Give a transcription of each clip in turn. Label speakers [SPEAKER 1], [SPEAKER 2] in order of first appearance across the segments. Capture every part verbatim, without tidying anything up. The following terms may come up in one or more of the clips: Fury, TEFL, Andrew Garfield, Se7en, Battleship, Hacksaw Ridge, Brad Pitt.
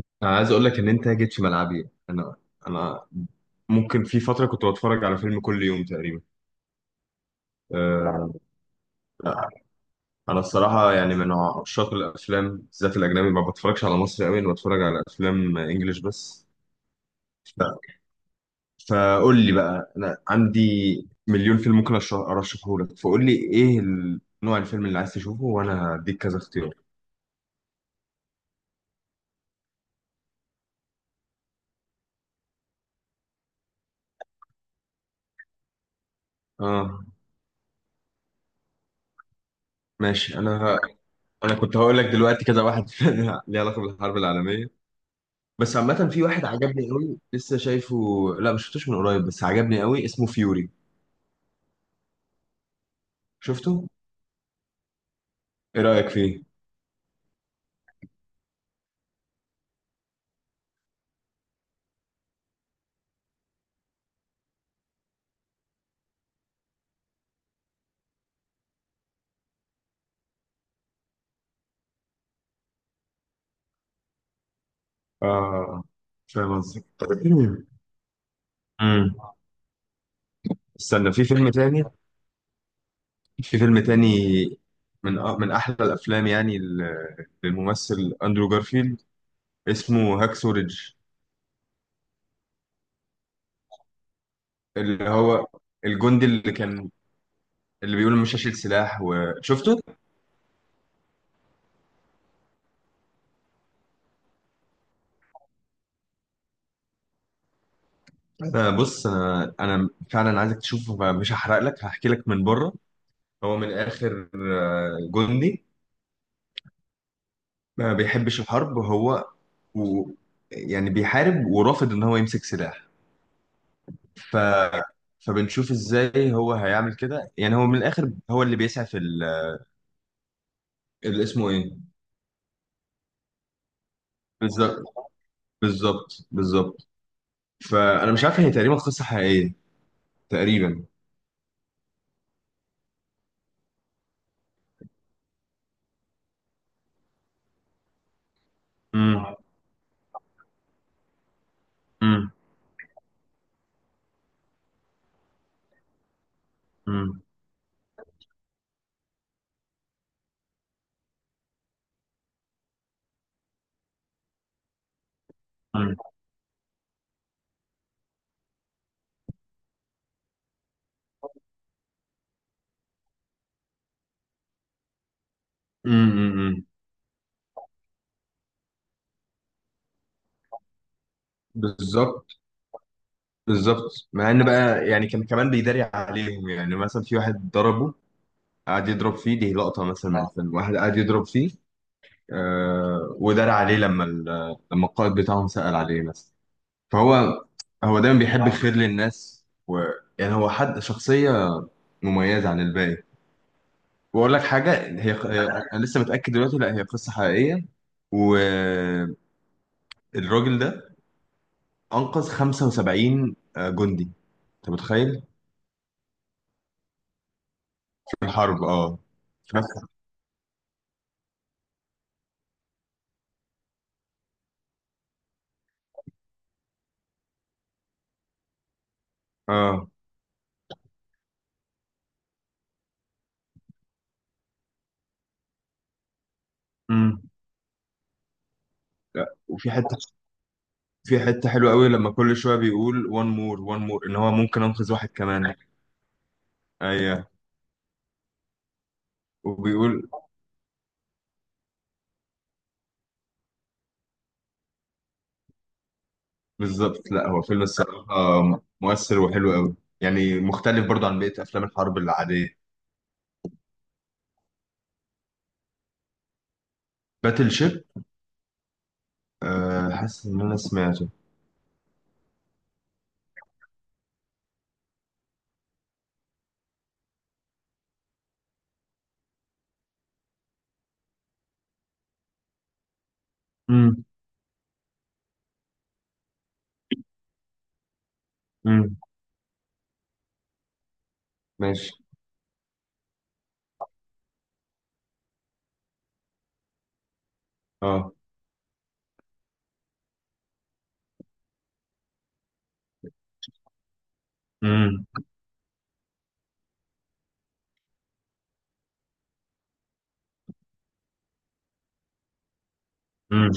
[SPEAKER 1] انا عايز اقول لك ان انت جيت في ملعبي انا انا ممكن في فتره كنت بتفرج على فيلم كل يوم تقريبا. أه. انا الصراحه يعني من عشاق الافلام، بالذات الاجنبي، ما بتفرجش على مصري قوي، انا بتفرج على افلام انجليش بس. ف- فقول لي بقى، انا عندي مليون فيلم ممكن أرش- ارشحه لك، فقول لي ايه ال- نوع الفيلم اللي عايز تشوفه وانا هديك كذا اختيار. اه ماشي. انا انا كنت هقول لك دلوقتي كذا واحد ليه علاقه بالحرب العالميه، بس عامة في واحد عجبني قوي لسه شايفه. لا، ما شفتوش من قريب بس عجبني قوي، اسمه فيوري. شفته؟ ايه رأيك فيه؟ اه، فاهم قصدك. امم. استنى، في فيلم تاني. في فيلم تاني من أ- من احلى الافلام يعني ل- للممثل اندرو جارفيلد، اسمه هاكسو ريدج. اللي هو الجندي اللي كان اللي بيقول مش هشيل سلاح وشفته. انا بص، انا انا فعلا عايزك تشوفه، مش هحرق لك، هحكي لك من بره. هو من الآخر آه، جندي ما بيحبش الحرب. هو، و يعني بيحارب ورافض إن هو يمسك سلاح. ف... فبنشوف إزاي هو هيعمل كده. يعني هو من الآخر هو اللي بيسعى في ال... اللي اسمه إيه، بالظبط. بالظبط بالظبط. فأنا مش عارف، هي تقريبا قصة حقيقية، تقريبا. امم امم. امم امم امم. بالظبط. بالظبط مع ان بقى يعني كان كمان بيداري عليهم. يعني مثلا في واحد ضربه قعد يضرب فيه، دي لقطة مثلا من اه الفيلم، واحد قعد يضرب فيه. آه، ودار عليه لما ال- لما القائد بتاعهم سأل عليه مثلا. فهو هو دايما بيحب اه الخير للناس و يعني هو حد شخصية مميزة عن الباقي. وأقول لك حاجة، هي هي- أنا لسه متأكد دلوقتي، لا هي قصة حقيقية، والراجل ده أنقذ خمسة وسبعين جندي. أنت متخيل؟ في الحرب، أه. في نفس- اه. امم. لا، وفي حته، في حتة حلوة قوي لما كل شوية بيقول one more one more ان هو ممكن انقذ واحد كمان. ايوه. وبيقول بالظبط. لا هو فيلم الصراحة مؤثر وحلو قوي، يعني مختلف برضو عن بقية افلام الحرب العادية. باتل شيب. أه، حاسس ان انا سمعته. امم امم. ماشي. اه. امم امم.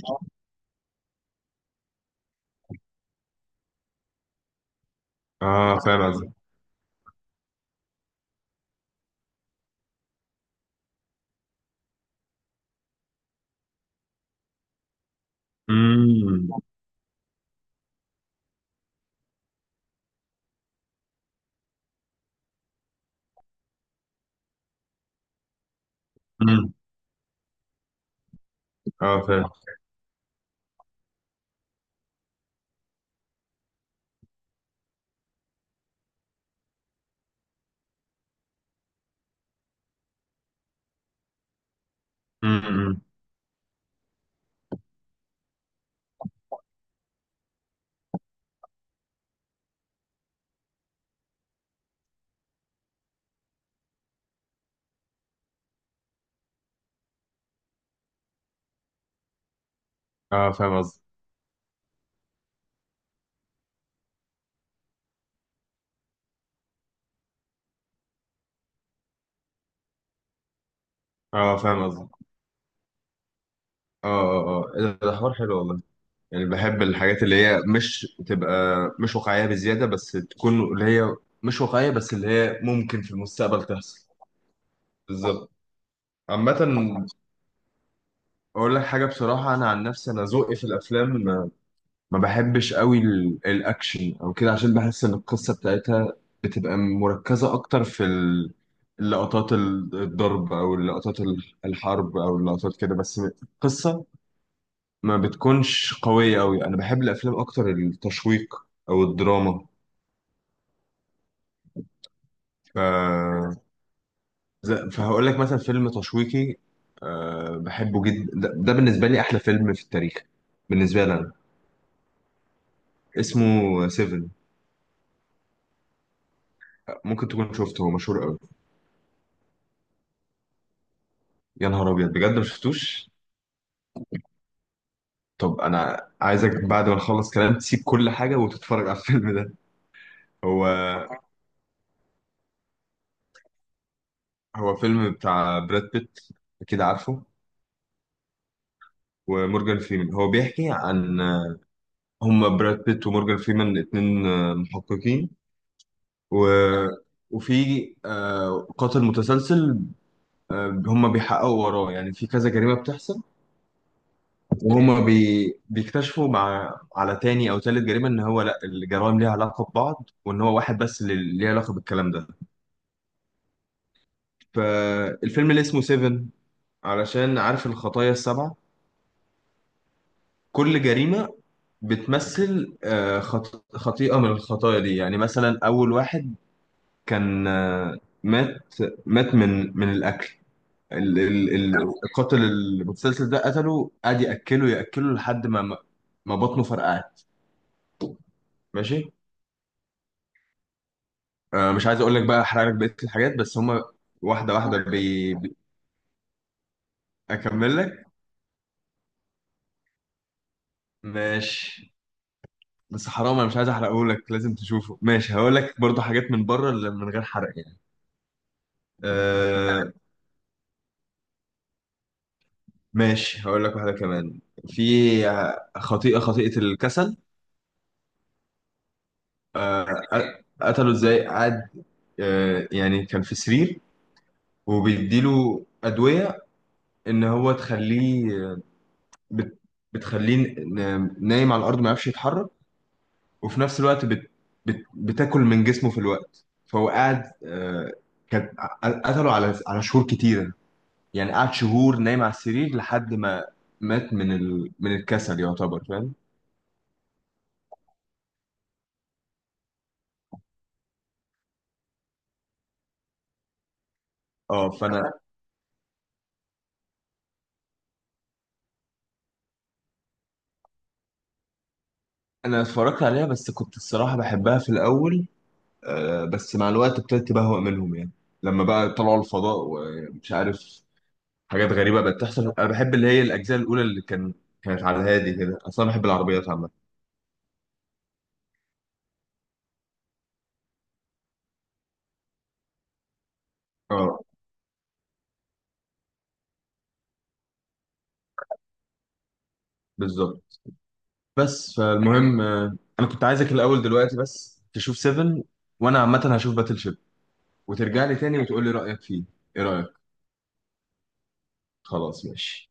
[SPEAKER 1] اه، فاهم قصدي. امم امم. اه فاهم. امم. اه فاهم قصدي. اه فاهم قصدي. اه اه اه، إيه ده، ده حوار حلو والله. يعني بحب الحاجات اللي هي مش تبقى مش واقعية بزيادة، بس تكون اللي هي مش واقعية بس اللي هي ممكن في المستقبل تحصل. بالظبط. عامة، أقول لك حاجة بصراحة، أنا عن نفسي أنا ذوقي في الأفلام ما ما بحبش قوي ال- الأكشن أو كده، عشان بحس إن القصة بتاعتها بتبقى مركزة أكتر في ال- اللقطات ال- الضرب أو اللقطات ال- الحرب أو اللقطات كده بس. القصة ما بتكونش قوية أوي. أنا بحب الأفلام أكتر التشويق أو الدراما. ف... ز- فهقول لك مثلا فيلم تشويقي أه بحبه جدا، ده, ده بالنسبة لي أحلى فيلم في التاريخ، بالنسبة لي أنا. اسمه سيفن. ممكن تكون شفته، هو مشهور قوي. يا نهار أبيض، بجد ما شفتوش. طب أنا عايزك بعد ما نخلص كلام تسيب كل حاجة وتتفرج على الفيلم ده. هو هو فيلم بتاع براد بيت، أكيد عارفه. ومورجان فريمان. هو بيحكي عن هما براد بيت ومورجان فريمان اتنين آه، محققين، و وفي آه، قاتل متسلسل، آه، هم بيحققوا وراه يعني في كذا جريمة بتحصل. وهم بي... بيكتشفوا مع على تاني أو تالت جريمة إن هو لأ الجرائم ليها علاقة ببعض، وإن هو واحد بس اللي ليه علاقة بالكلام ده. فالفيلم اللي اسمه سيفن، علشان عارف الخطايا السبعة، كل جريمة بتمثل آه، خط... خطيئة من الخطايا دي. يعني مثلا أول واحد كان آه، مات مات من من الأكل. ال ال ال- القاتل المتسلسل ده قتله، قعد ياكله ياكله لحد ما ما ما بطنه فرقعت. ماشي. آه، مش عايز اقول لك بقى احرق لك بقيه الحاجات، بس هما واحده واحده بي... بي... اكمل لك ماشي. بس حرام، انا مش عايز احرقه لك، لازم تشوفه. ماشي، هقول لك برضه حاجات من بره، اللي من غير حرق يعني. آه ماشي، هقول لك واحده كمان. في خطيئه خطيئه الكسل. آه، قتله ازاي. قعد، آه يعني كان في سرير وبيديله ادويه ان هو تخليه بت... بتخليه ن- نايم على الارض ما يعرفش يتحرك. وفي نفس الوقت بت... بت... بتاكل من جسمه في الوقت. فهو قاعد، آه، كان قتله على على شهور كتيره. يعني قعد شهور نايم على السرير لحد ما مات من ال... من الكسل يعتبر، فاهم. اه، فانا انا اتفرجت عليها بس كنت الصراحه بحبها في الاول، آه، بس مع الوقت ابتديت بهوأ منهم. يعني لما بقى طلعوا الفضاء ومش عارف، حاجات غريبه بقت تحصل. انا بحب اللي هي الاجزاء الاولى اللي كان كانت على الهادي كده، اصلا أنا بحب العربيات عامه. اه. بالظبط. بس فالمهم آه، انا كنت عايزك الاول دلوقتي بس تشوف سيفن. وانا عامه هشوف باتل شيب. وترجع لي تاني وتقول لي رايك فيه، ايه رايك. خلاص ماشي.